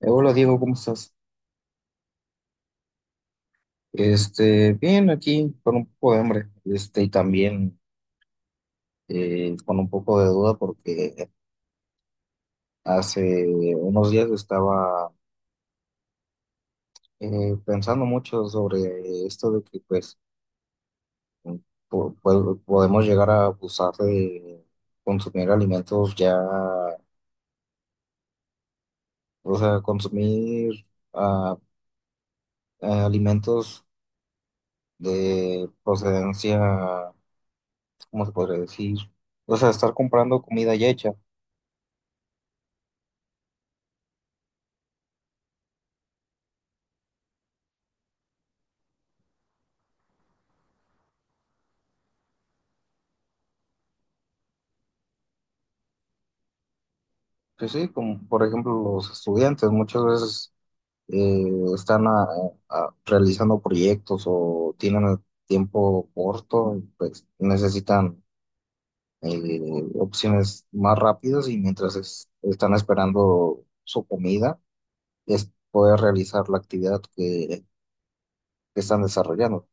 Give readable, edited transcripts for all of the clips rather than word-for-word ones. Hola Diego, ¿cómo estás? Bien, aquí con un poco de hambre, y también con un poco de duda porque hace unos días estaba pensando mucho sobre esto de que pues podemos llegar a abusar de consumir alimentos ya, o sea, consumir ah, alimentos de procedencia, ¿cómo se podría decir? O sea, estar comprando comida ya hecha. Sí, sí, como por ejemplo los estudiantes muchas veces eh, están realizando proyectos o tienen el tiempo corto, pues necesitan eh, opciones más rápidas y mientras están esperando su comida, es poder realizar la actividad que están desarrollando.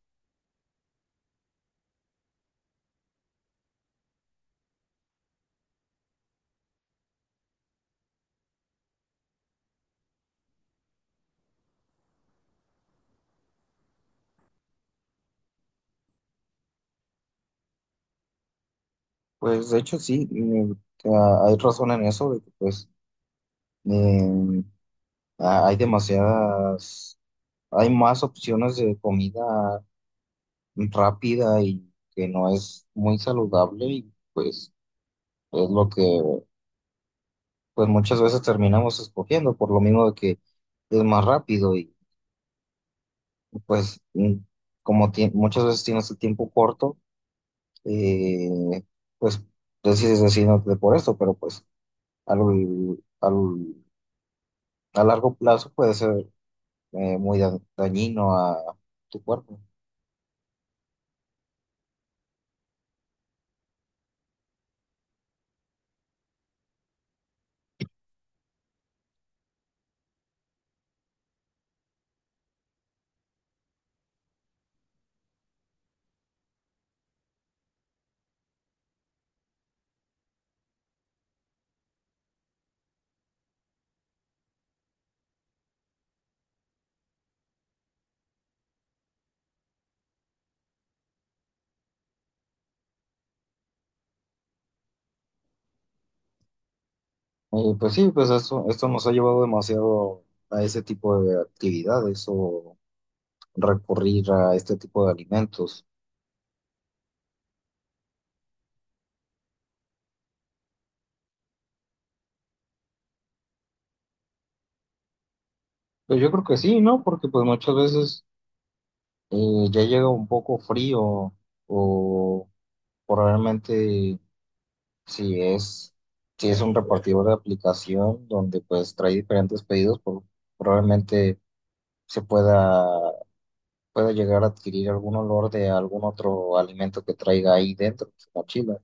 Pues de hecho sí. Mm. Hay razón en eso, de que pues eh, hay hay más opciones de comida rápida y que no es muy saludable, y pues es lo que pues muchas veces terminamos escogiendo por lo mismo de que es más rápido. Y pues, mm, como muchas veces tienes el tiempo corto, eh, pues decides decidirte por esto, pero pues al, al- a largo plazo puede ser muy dañino a tu cuerpo. Y pues sí, pues esto nos ha llevado demasiado a ese tipo de actividades o recurrir a este tipo de alimentos. Pues yo creo que sí, ¿no? Porque pues muchas veces ya llega un poco frío o probablemente si es, si es un repartidor de aplicación donde pues trae diferentes pedidos, probablemente se pueda, pueda llegar a adquirir algún olor de algún otro alimento que traiga ahí dentro de su mochila.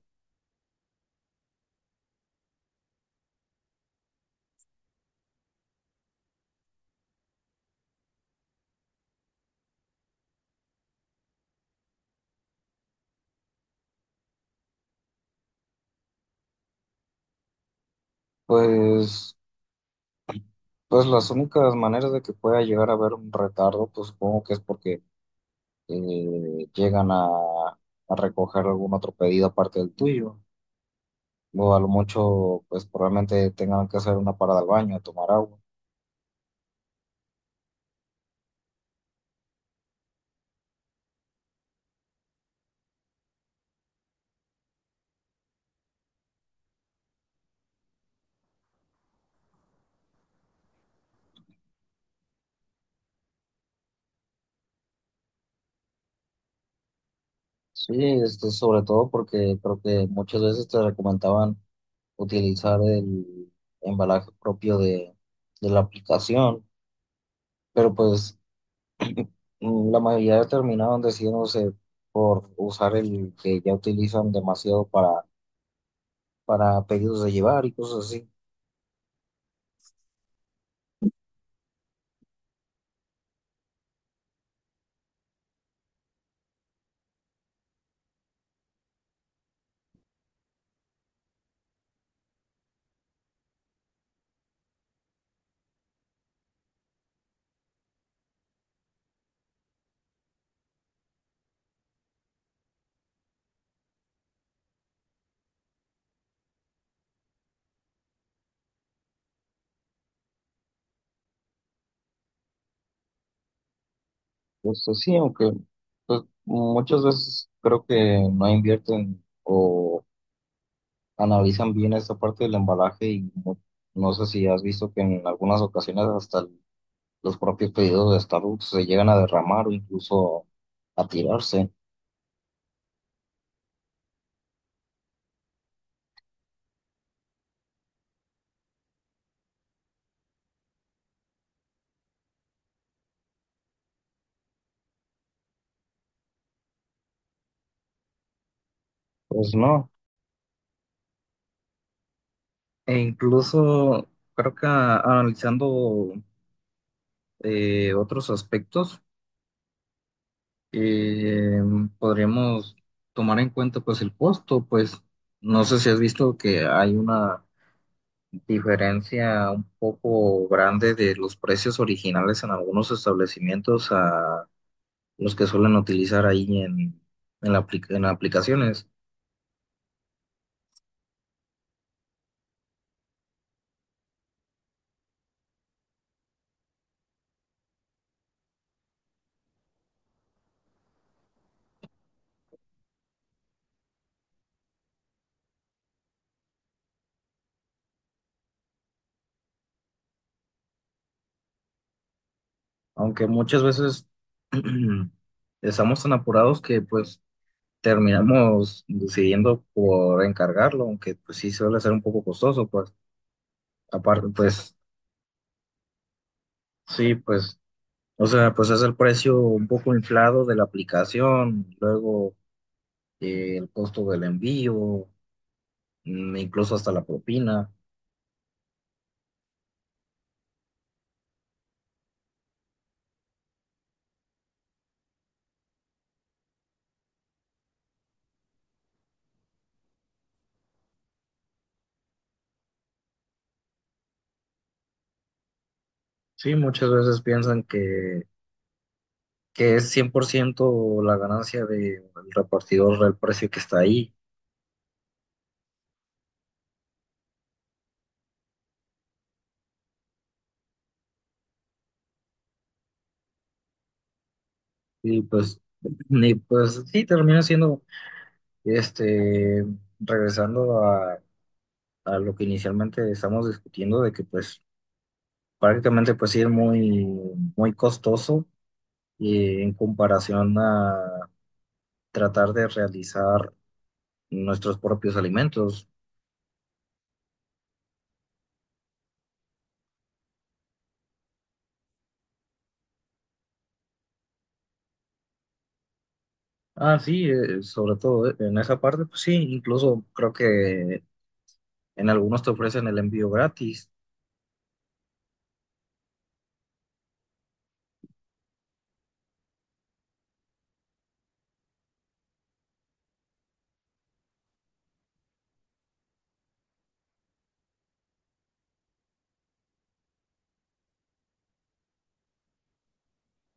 Pues, pues las únicas maneras de que pueda llegar a haber un retardo, pues supongo que es porque eh, llegan a, a recoger algún otro pedido aparte del tuyo. O a lo mucho, pues probablemente tengan que hacer una parada al baño, a tomar agua. Sí, sobre todo porque creo que muchas veces te recomendaban utilizar el embalaje propio de la aplicación, pero pues, mm, la mayoría terminaron decidiéndose por usar el que ya utilizan demasiado para pedidos de llevar y cosas así. Justo sí, aunque pues muchas veces creo que no invierten o analizan bien esta parte del embalaje, y no, no sé si has visto que en algunas ocasiones hasta los propios pedidos de Starbucks se llegan a derramar o incluso a tirarse. Pues no, e incluso creo que, analizando otros aspectos, eh, podríamos tomar en cuenta pues el costo. Pues no sé si has visto que hay una diferencia un poco grande de los precios originales en algunos establecimientos a los que suelen utilizar ahí en en aplicaciones, aunque muchas veces estamos tan apurados que pues terminamos decidiendo por encargarlo, aunque pues sí suele ser un poco costoso. Pues aparte pues sí, pues o sea, pues es el precio un poco inflado de la aplicación, luego el costo del envío, mm, incluso hasta la propina. Sí, muchas veces piensan que es 100% la ganancia del repartidor del precio que está ahí. Y pues, y pues sí, termina siendo, este, regresando a lo que inicialmente estamos discutiendo, de que pues prácticamente pues sí es muy costoso, en comparación a tratar de realizar nuestros propios alimentos. Ah, sí, sobre todo en esa parte, pues sí, incluso creo que en algunos te ofrecen el envío gratis.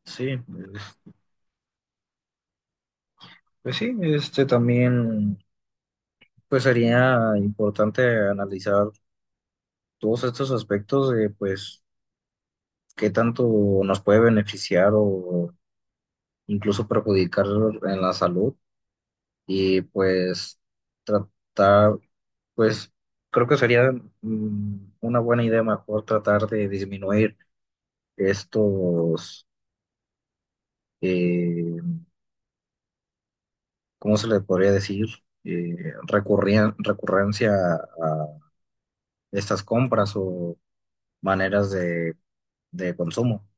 Sí, pues sí, este también pues sería importante analizar todos estos aspectos de pues qué tanto nos puede beneficiar o incluso perjudicar en la salud. Y pues tratar, pues creo que sería, mm, una buena idea mejor tratar de disminuir estos, eh, ¿cómo se le podría decir? Eh, Recurrencia a estas compras o maneras de consumo.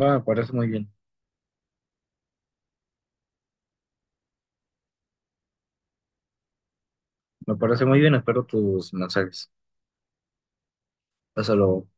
Va, me parece muy bien. Me parece muy bien, espero tus mensajes. Hasta luego.